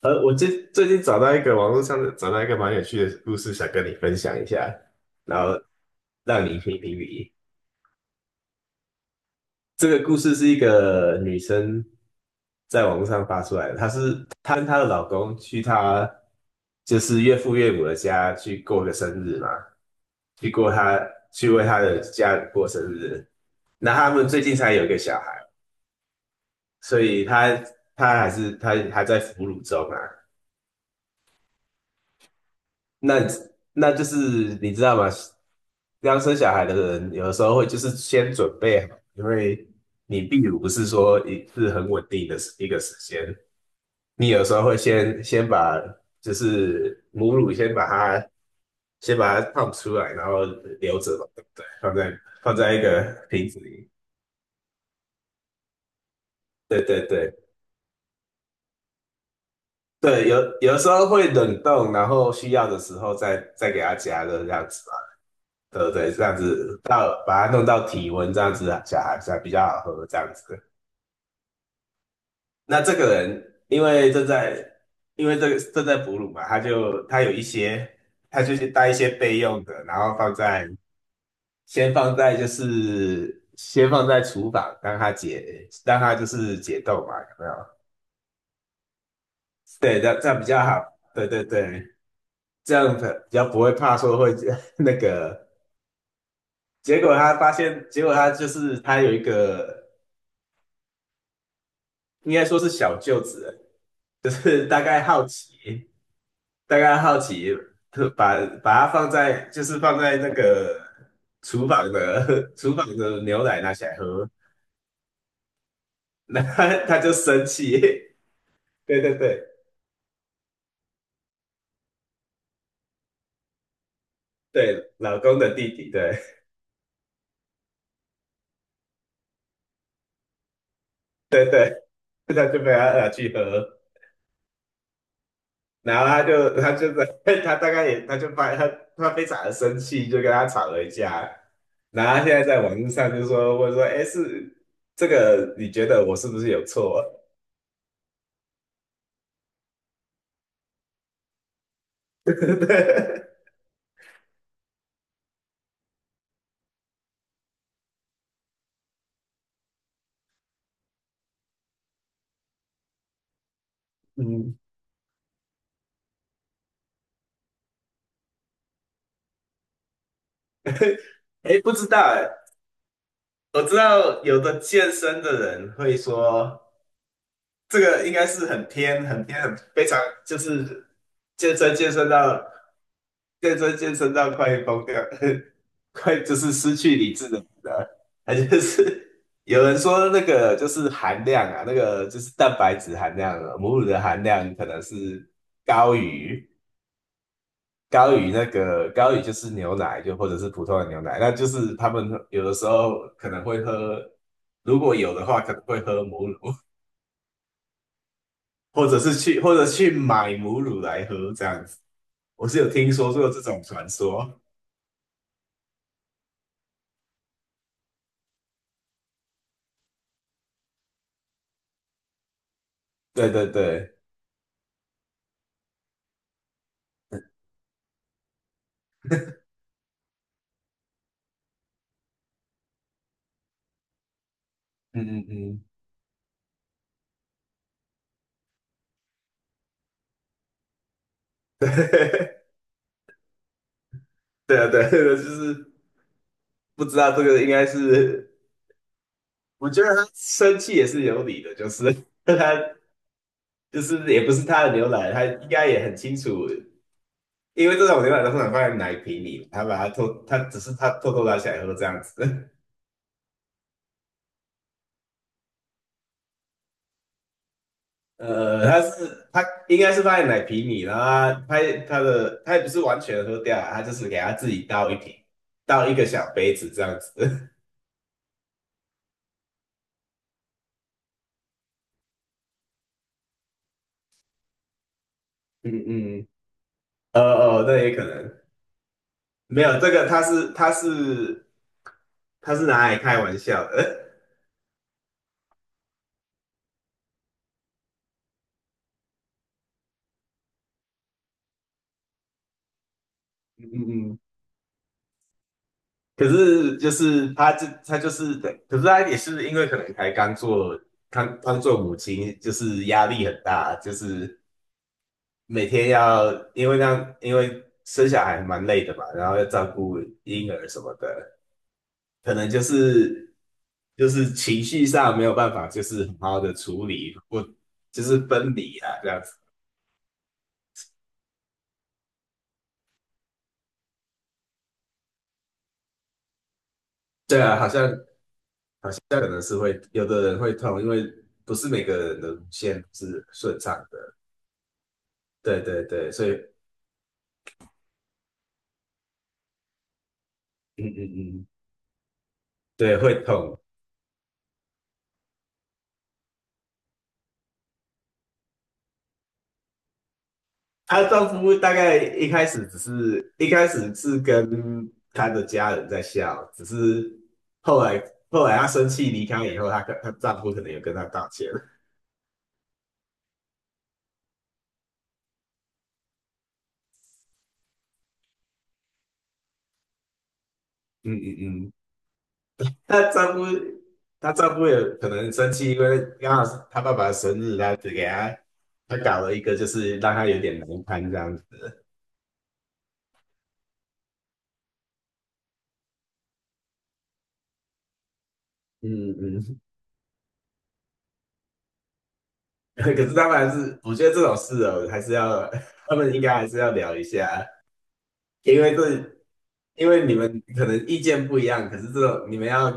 我最近找到一个网络上的找到一个蛮有趣的故事，想跟你分享一下，然后让你评评理。这个故事是一个女生在网络上发出来的，她跟她的老公去就是岳父岳母的家去过个生日嘛，去过她去为她的家人过生日。那他们最近才有一个小孩，所以她还在哺乳中啊。那那就是你知道吗？刚生小孩的人，有的时候会就是先准备好，因为你泌乳不是说很稳定的时一个时间，你有时候会先把就是母乳先把它放出来，然后留着嘛，对不对？放在一个瓶子里。对对对对，有的时候会冷冻，然后需要的时候再给它加热这样子嘛，对不对？这样子到把它弄到体温这样子啊，小孩才比较好喝这样子。那这个人因为正在这个正在哺乳嘛，他有一些，他就是带一些备用的，然后放在先放在就是先放在厨房，让他就是解冻嘛，有没有？对，这样比较好。对对对，这样比较不会怕说会 那个。结果他发现，结果他就是他有一个应该说是小舅子，就是大概好奇。大概好奇，把把它放在就是放在那个厨房的 厨房的牛奶拿起来喝。那他就生气。对对对对，老公的弟弟，对。 对，他就被他拿去喝。然后他就在 他大概也他就发他他非常的生气，就跟他吵了一架，然后他现在在网络上就说，哎，这个你觉得我是不是有错？嗯。哎，不知道哎。我知道有的健身的人会说，这个应该是很偏、很偏、很非常，就是健身健身到健身健身到快疯掉。快就是失去理智的人啊，他就是有人说那个就是含量啊，那个就是蛋白质含量啊、母乳的含量可能是高于。高于就是牛奶，就或者是普通的牛奶，那就是他们有的时候可能会喝，如果有的话可能会喝母乳，或者去买母乳来喝这样子。我是有听说过这种传说。对对对，嗯嗯嗯。对啊对啊，就是不知道这个应该是，我觉得他生气也是有理的，就是 他就是也不是他的牛奶，他应该也很清楚，因为这种牛奶都通常放在奶瓶里，他只是偷偷拿起来喝这样子。他应该是放在奶瓶里，然后他他也不是完全喝掉啊，他就是给他自己倒一瓶，倒一个小杯子这样子。嗯嗯。哦哦，那也可能没有这个，他是拿来开玩笑的。嗯嗯嗯，可是就是他就是对，可是他也是因为可能才刚做刚刚做母亲，就是压力很大，就是。每天要，因为生小孩蛮累的嘛，然后要照顾婴儿什么的，可能就是情绪上没有办法，就是好好的处理，或就是分离啊，这样子。对啊，好像可能是会有的人会痛，因为不是每个人的乳腺是顺畅的。对对对，所以嗯嗯嗯，对，会痛。她丈夫大概一开始是跟她的家人在笑，只是后来她生气离开以后，她跟她丈夫可能有跟她道歉。嗯嗯嗯，她丈夫她丈夫也可能生气，因为刚好是她爸爸的生日，她搞了一个，就是让她有点难堪这样子。嗯嗯。可是他们还是，我觉得这种事哦，还是要他们应该还是要聊一下，因为因为你们可能意见不一样，可是这种你们要，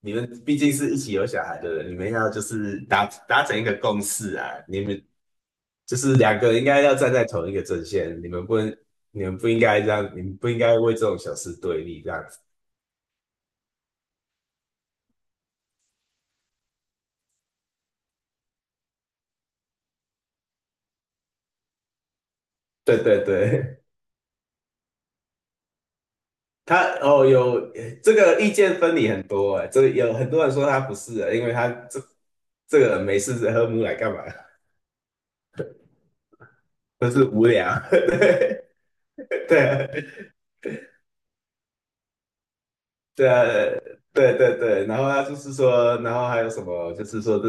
你们毕竟是一起有小孩的人，你们要就是达成一个共识啊，你们就是两个应该要站在同一个阵线，你们不应该这样，你们不应该为这种小事对立这样子。对对对，有这个意见分歧很多哎，这个有很多人说他不是啊，因为这个人没事喝母奶干嘛？就是无聊。对对。对啊，对对对，然后他就是说，然后还有什么，就是说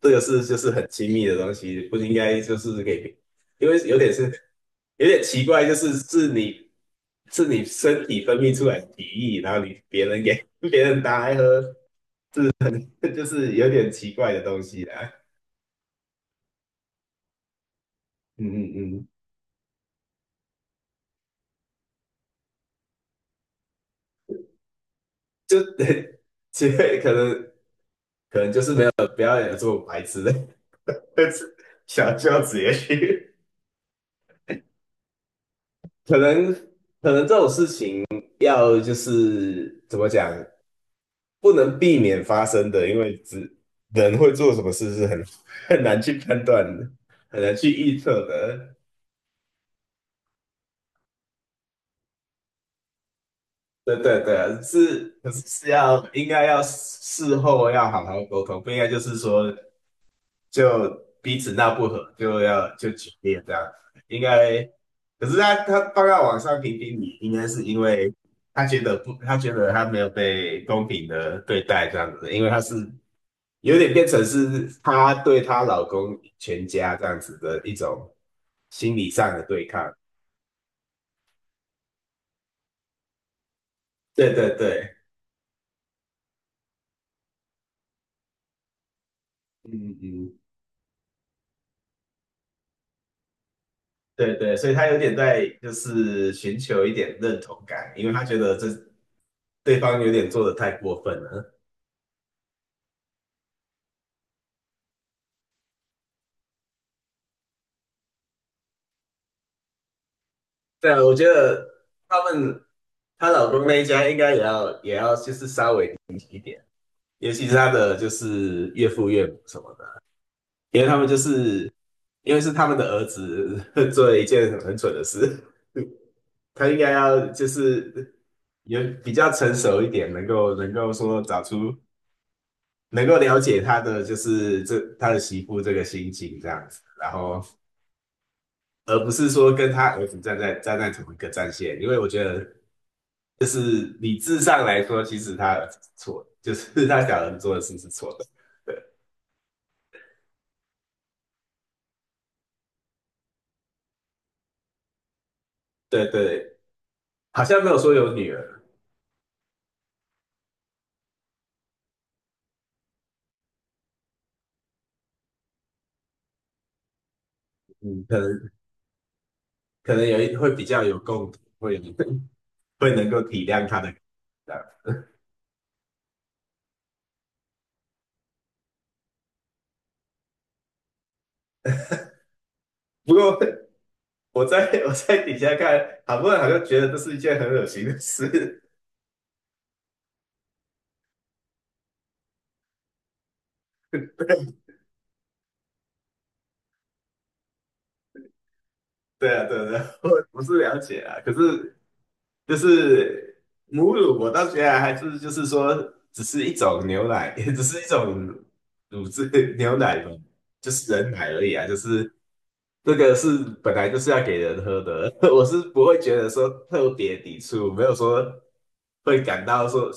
这个是就是很亲密的东西，不应该就是给别，因为有点奇怪，就是是你身体分泌出来的体液，然后你别人给 别人拿来喝。就是有点奇怪的东西啦。嗯嗯嗯。就 其实可能就是没有不要有这么白痴的 小孝子也去。可能可能这种事情要就是怎么讲，不能避免发生的，因为只人会做什么事是很 很难去判断的，很难去预测的。对对对，可是应该要事后要好好沟通，不应该就是说就彼此闹不和，就决裂这样。应该，可是他放到网上评评理，应该是因为他觉得不，他觉得他没有被公平的对待这样子，因为他是有点变成是他对她老公全家这样子的一种心理上的对抗。对对对，嗯嗯，对对，所以他有点在就是寻求一点认同感，因为他觉得对方有点做的太过分了。对啊，我觉得他们她老公那一家应该也要也要就是稍微，尤其是她的就是岳父岳母什么的，因为他们就是因为是他们的儿子 做了一件很蠢的事。他应该要就是有比较成熟一点，能够说找出能够了解他的就是他的媳妇这个心情这样子，然后而不是说跟他儿子站在同一个战线，因为我觉得。就是理智上来说，其实他儿子是错的，就是他小人做的事是错的。对对对，好像没有说有女儿。嗯，可能会比较有共鸣，会 会能够体谅他的。不过我在底下看，好多人好像觉得这是一件很恶心的事。对啊，对啊对啊，我不是了解啊，可是就是母乳，我倒觉得还是就是说，只是一种牛奶。只是一种乳制牛奶嘛，就是人奶而已啊，就是这个是本来就是要给人喝的。我是不会觉得说特别抵触，没有说会感到说，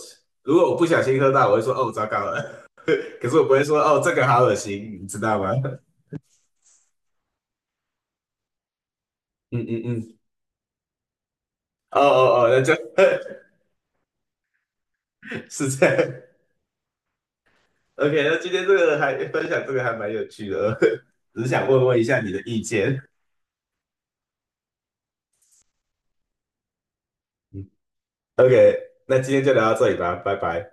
如果我不小心喝到，我会说哦糟糕了。可是我不会说哦这个好恶心，你知道吗？嗯嗯嗯，哦哦哦，那就 是这样。OK，那今天这个还分享这个还蛮有趣的。只是想问问一下你的意见。OK，那今天就聊到这里吧，拜拜。